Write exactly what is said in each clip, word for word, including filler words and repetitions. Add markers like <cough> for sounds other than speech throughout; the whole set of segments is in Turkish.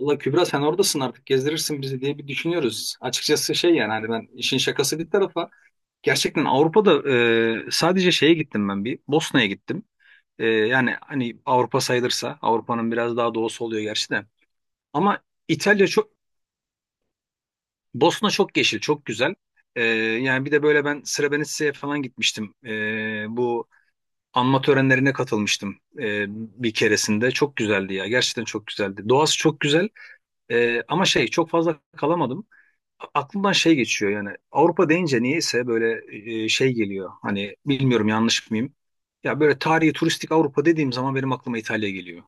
Valla Kübra sen oradasın artık gezdirirsin bizi diye bir düşünüyoruz. Açıkçası şey yani hani ben işin şakası bir tarafa gerçekten Avrupa'da, e, sadece şeye gittim ben bir Bosna'ya gittim. E, yani hani Avrupa sayılırsa Avrupa'nın biraz daha doğusu oluyor gerçi de. Ama İtalya çok, Bosna çok yeşil çok güzel. E, yani bir de böyle ben Srebrenica'ya falan gitmiştim. E, bu anma törenlerine katılmıştım e, bir keresinde. Çok güzeldi ya, gerçekten çok güzeldi. Doğası çok güzel. E, ama şey, çok fazla kalamadım. Aklımdan şey geçiyor, yani Avrupa deyince niyeyse böyle e, şey geliyor. Hani bilmiyorum, yanlış mıyım? Ya böyle tarihi turistik Avrupa dediğim zaman benim aklıma İtalya geliyor.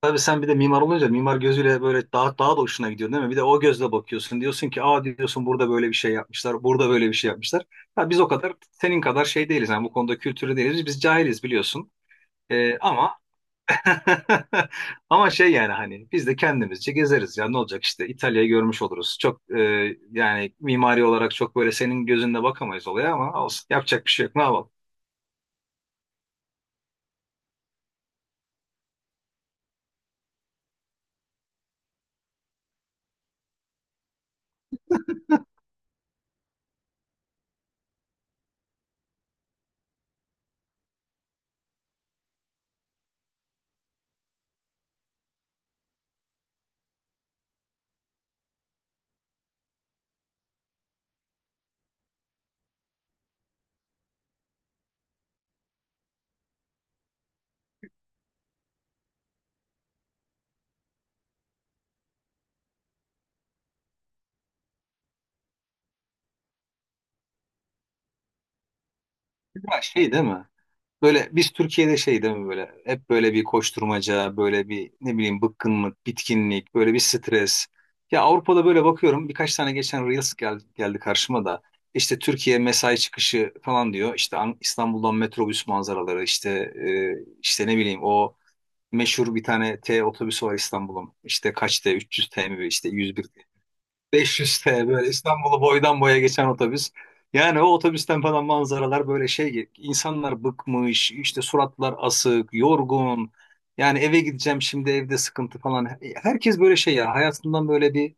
Tabii sen bir de mimar olunca mimar gözüyle böyle daha daha da hoşuna gidiyor değil mi? Bir de o gözle bakıyorsun. Diyorsun ki aa, diyorsun burada böyle bir şey yapmışlar. Burada böyle bir şey yapmışlar. Ya biz o kadar senin kadar şey değiliz. Yani bu konuda kültürlü değiliz. Biz cahiliz biliyorsun. E, ama <laughs> ama şey yani hani biz de kendimizce gezeriz ya, ne olacak, işte İtalya'yı görmüş oluruz. Çok e, yani mimari olarak çok böyle senin gözünde bakamayız olaya, ama olsun, yapacak bir şey yok, ne yapalım. Ya şey değil mi? Böyle biz Türkiye'de şey değil mi, böyle hep böyle bir koşturmaca, böyle bir ne bileyim, bıkkınlık, bitkinlik, böyle bir stres. Ya Avrupa'da böyle bakıyorum, birkaç tane geçen Reels geldi, geldi karşıma da, işte Türkiye mesai çıkışı falan diyor, işte An- İstanbul'dan metrobüs manzaraları, işte e, işte ne bileyim o meşhur bir tane T otobüsü var İstanbul'un. İşte kaç T? üç yüz T mi? İşte yüz bir, beş yüz T böyle İstanbul'u boydan boya geçen otobüs. Yani o otobüsten falan manzaralar, böyle şey, insanlar bıkmış, işte suratlar asık, yorgun, yani eve gideceğim şimdi, evde sıkıntı falan, herkes böyle şey ya, hayatından böyle bir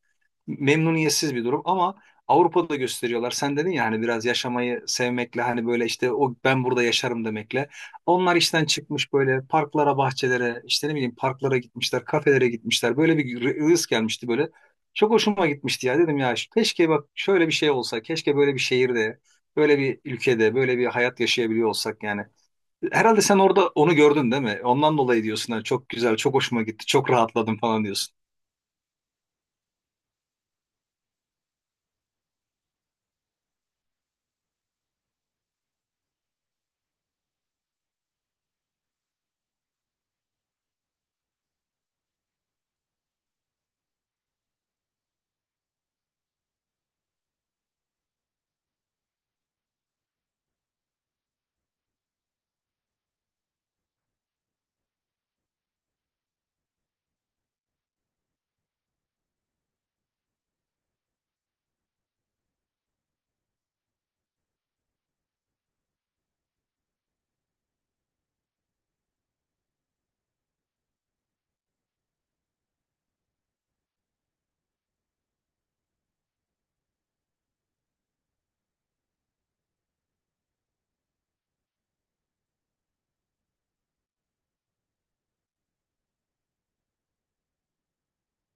memnuniyetsiz bir durum. Ama Avrupa'da gösteriyorlar, sen dedin ya hani biraz yaşamayı sevmekle, hani böyle işte o ben burada yaşarım demekle, onlar işten çıkmış böyle parklara, bahçelere, işte ne bileyim parklara gitmişler, kafelere gitmişler, böyle bir rı- rız gelmişti böyle, çok hoşuma gitmişti ya. Dedim ya keşke, bak şöyle bir şey olsa, keşke böyle bir şehirde, böyle bir ülkede, böyle bir hayat yaşayabiliyor olsak yani. Herhalde sen orada onu gördün değil mi? Ondan dolayı diyorsun ha, çok güzel, çok hoşuma gitti, çok rahatladım falan diyorsun.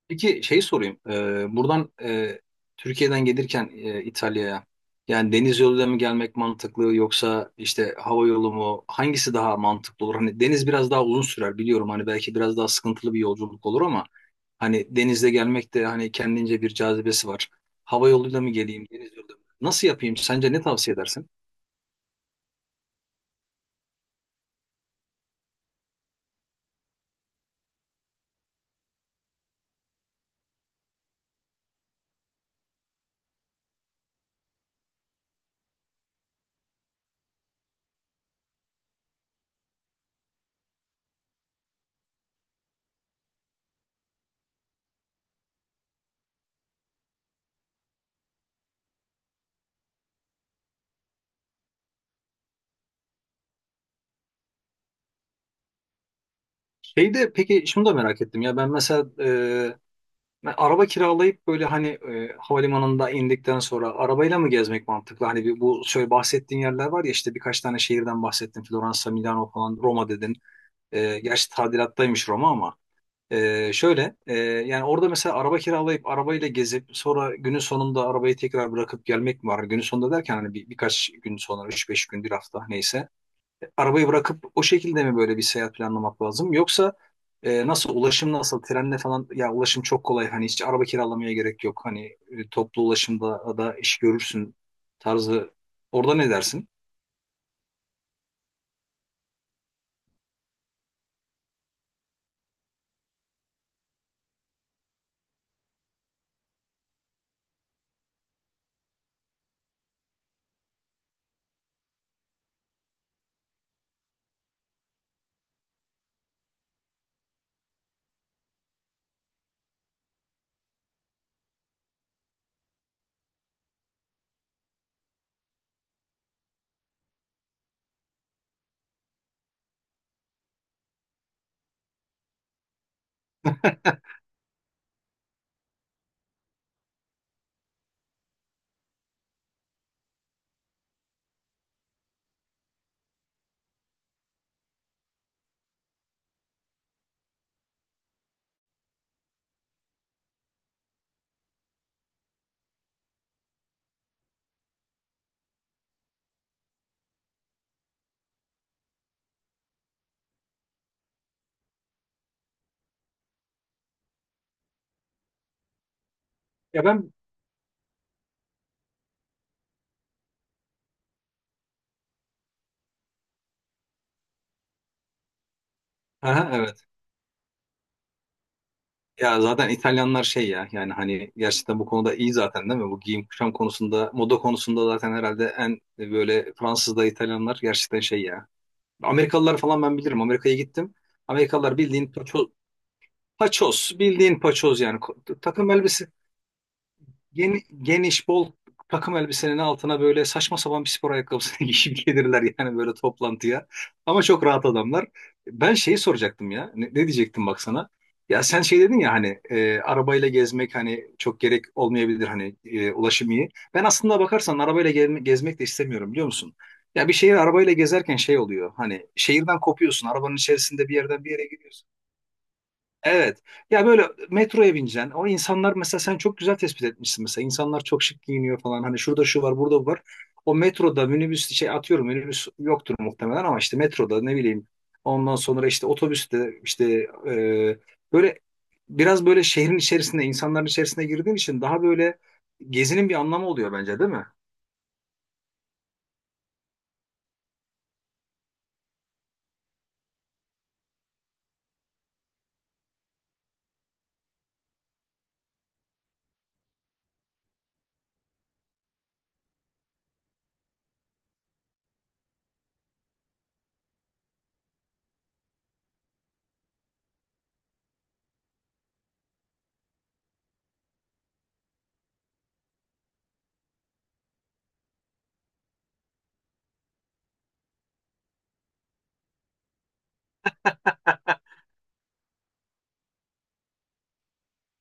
Peki şey sorayım. Ee, buradan e, Türkiye'den gelirken e, İtalya'ya, yani deniz yoluyla mı gelmek mantıklı, yoksa işte hava yolu mu? Hangisi daha mantıklı olur? Hani deniz biraz daha uzun sürer biliyorum. Hani belki biraz daha sıkıntılı bir yolculuk olur, ama hani denizle gelmek de hani kendince bir cazibesi var. Hava yoluyla mı geleyim, deniz yoluyla mı? Nasıl yapayım? Sence ne tavsiye edersin? Şeyde peki şunu da merak ettim ya, ben mesela, e, ben araba kiralayıp böyle hani e, havalimanında indikten sonra arabayla mı gezmek mantıklı? Hani bir, bu şöyle bahsettiğin yerler var ya, işte birkaç tane şehirden bahsettin. Floransa, Milano falan, Roma dedin. E, gerçi tadilattaymış Roma ama. E, şöyle e, yani orada mesela araba kiralayıp arabayla gezip sonra günün sonunda arabayı tekrar bırakıp gelmek mi var? Günün sonunda derken hani bir, birkaç gün sonra, üç beş gün, bir hafta, neyse, arabayı bırakıp o şekilde mi böyle bir seyahat planlamak lazım? Yoksa e, nasıl, ulaşım nasıl, trenle falan ya ulaşım çok kolay, hani hiç araba kiralamaya gerek yok, hani e, toplu ulaşımda da iş görürsün tarzı, orada ne dersin? <laughs> Ya ben, aha, evet. Ya zaten İtalyanlar şey ya, yani hani gerçekten bu konuda iyi zaten değil mi? Bu giyim kuşam konusunda, moda konusunda zaten herhalde en e, böyle Fransız da, İtalyanlar gerçekten şey ya. Amerikalılar falan ben bilirim. Amerika'ya gittim. Amerikalılar bildiğin paço, paçoz, bildiğin paçoz yani. Ko- Takım elbise geni- geniş, bol takım elbisenin altına böyle saçma sapan bir spor ayakkabısını <laughs> giyip gelirler yani böyle toplantıya. Ama çok rahat adamlar. Ben şeyi soracaktım ya. Ne, ne diyecektim bak sana? Ya sen şey dedin ya hani e, arabayla gezmek hani çok gerek olmayabilir, hani e, ulaşım iyi. Ben aslında bakarsan arabayla gel- gezmek de istemiyorum, biliyor musun? Ya bir şehir arabayla gezerken şey oluyor. Hani şehirden kopuyorsun. Arabanın içerisinde bir yerden bir yere gidiyorsun. Evet. Ya böyle metroya bineceksin. O insanlar, mesela sen çok güzel tespit etmişsin mesela. İnsanlar çok şık giyiniyor falan. Hani şurada şu var, burada bu var. O metroda minibüs şey atıyorum, minibüs yoktur muhtemelen ama işte metroda ne bileyim. Ondan sonra işte otobüste işte e, böyle biraz böyle şehrin içerisinde, insanların içerisine girdiğin için daha böyle gezinin bir anlamı oluyor bence, değil mi? <laughs>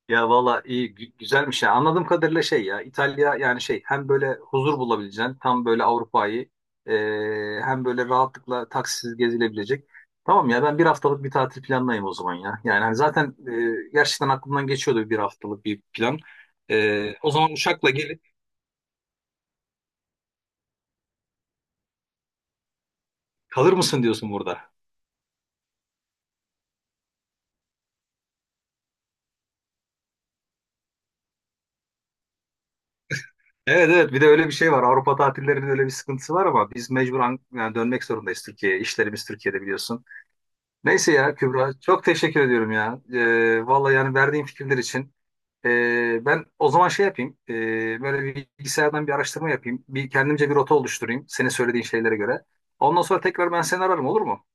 Ya valla iyi, gü- güzelmiş ya. Anladığım kadarıyla şey ya İtalya, yani şey hem böyle huzur bulabileceğin tam böyle Avrupa'yı, e, hem böyle rahatlıkla taksisiz gezilebilecek. Tamam ya, ben bir haftalık bir tatil planlayayım o zaman ya. Yani hani zaten e, gerçekten aklımdan geçiyordu bir haftalık bir plan. E, o zaman uçakla gelip kalır mısın diyorsun burada. Evet evet, bir de öyle bir şey var. Avrupa tatillerinin öyle bir sıkıntısı var ama biz mecbur, An- yani dönmek zorundayız Türkiye'ye. İşlerimiz Türkiye'de biliyorsun. Neyse ya Kübra, çok teşekkür ediyorum ya. Ee, vallahi yani, verdiğin fikirler için. Ee, ben o zaman şey yapayım, ee, böyle bir bilgisayardan bir araştırma yapayım. Bir kendimce bir rota oluşturayım senin söylediğin şeylere göre. Ondan sonra tekrar ben seni ararım, olur mu?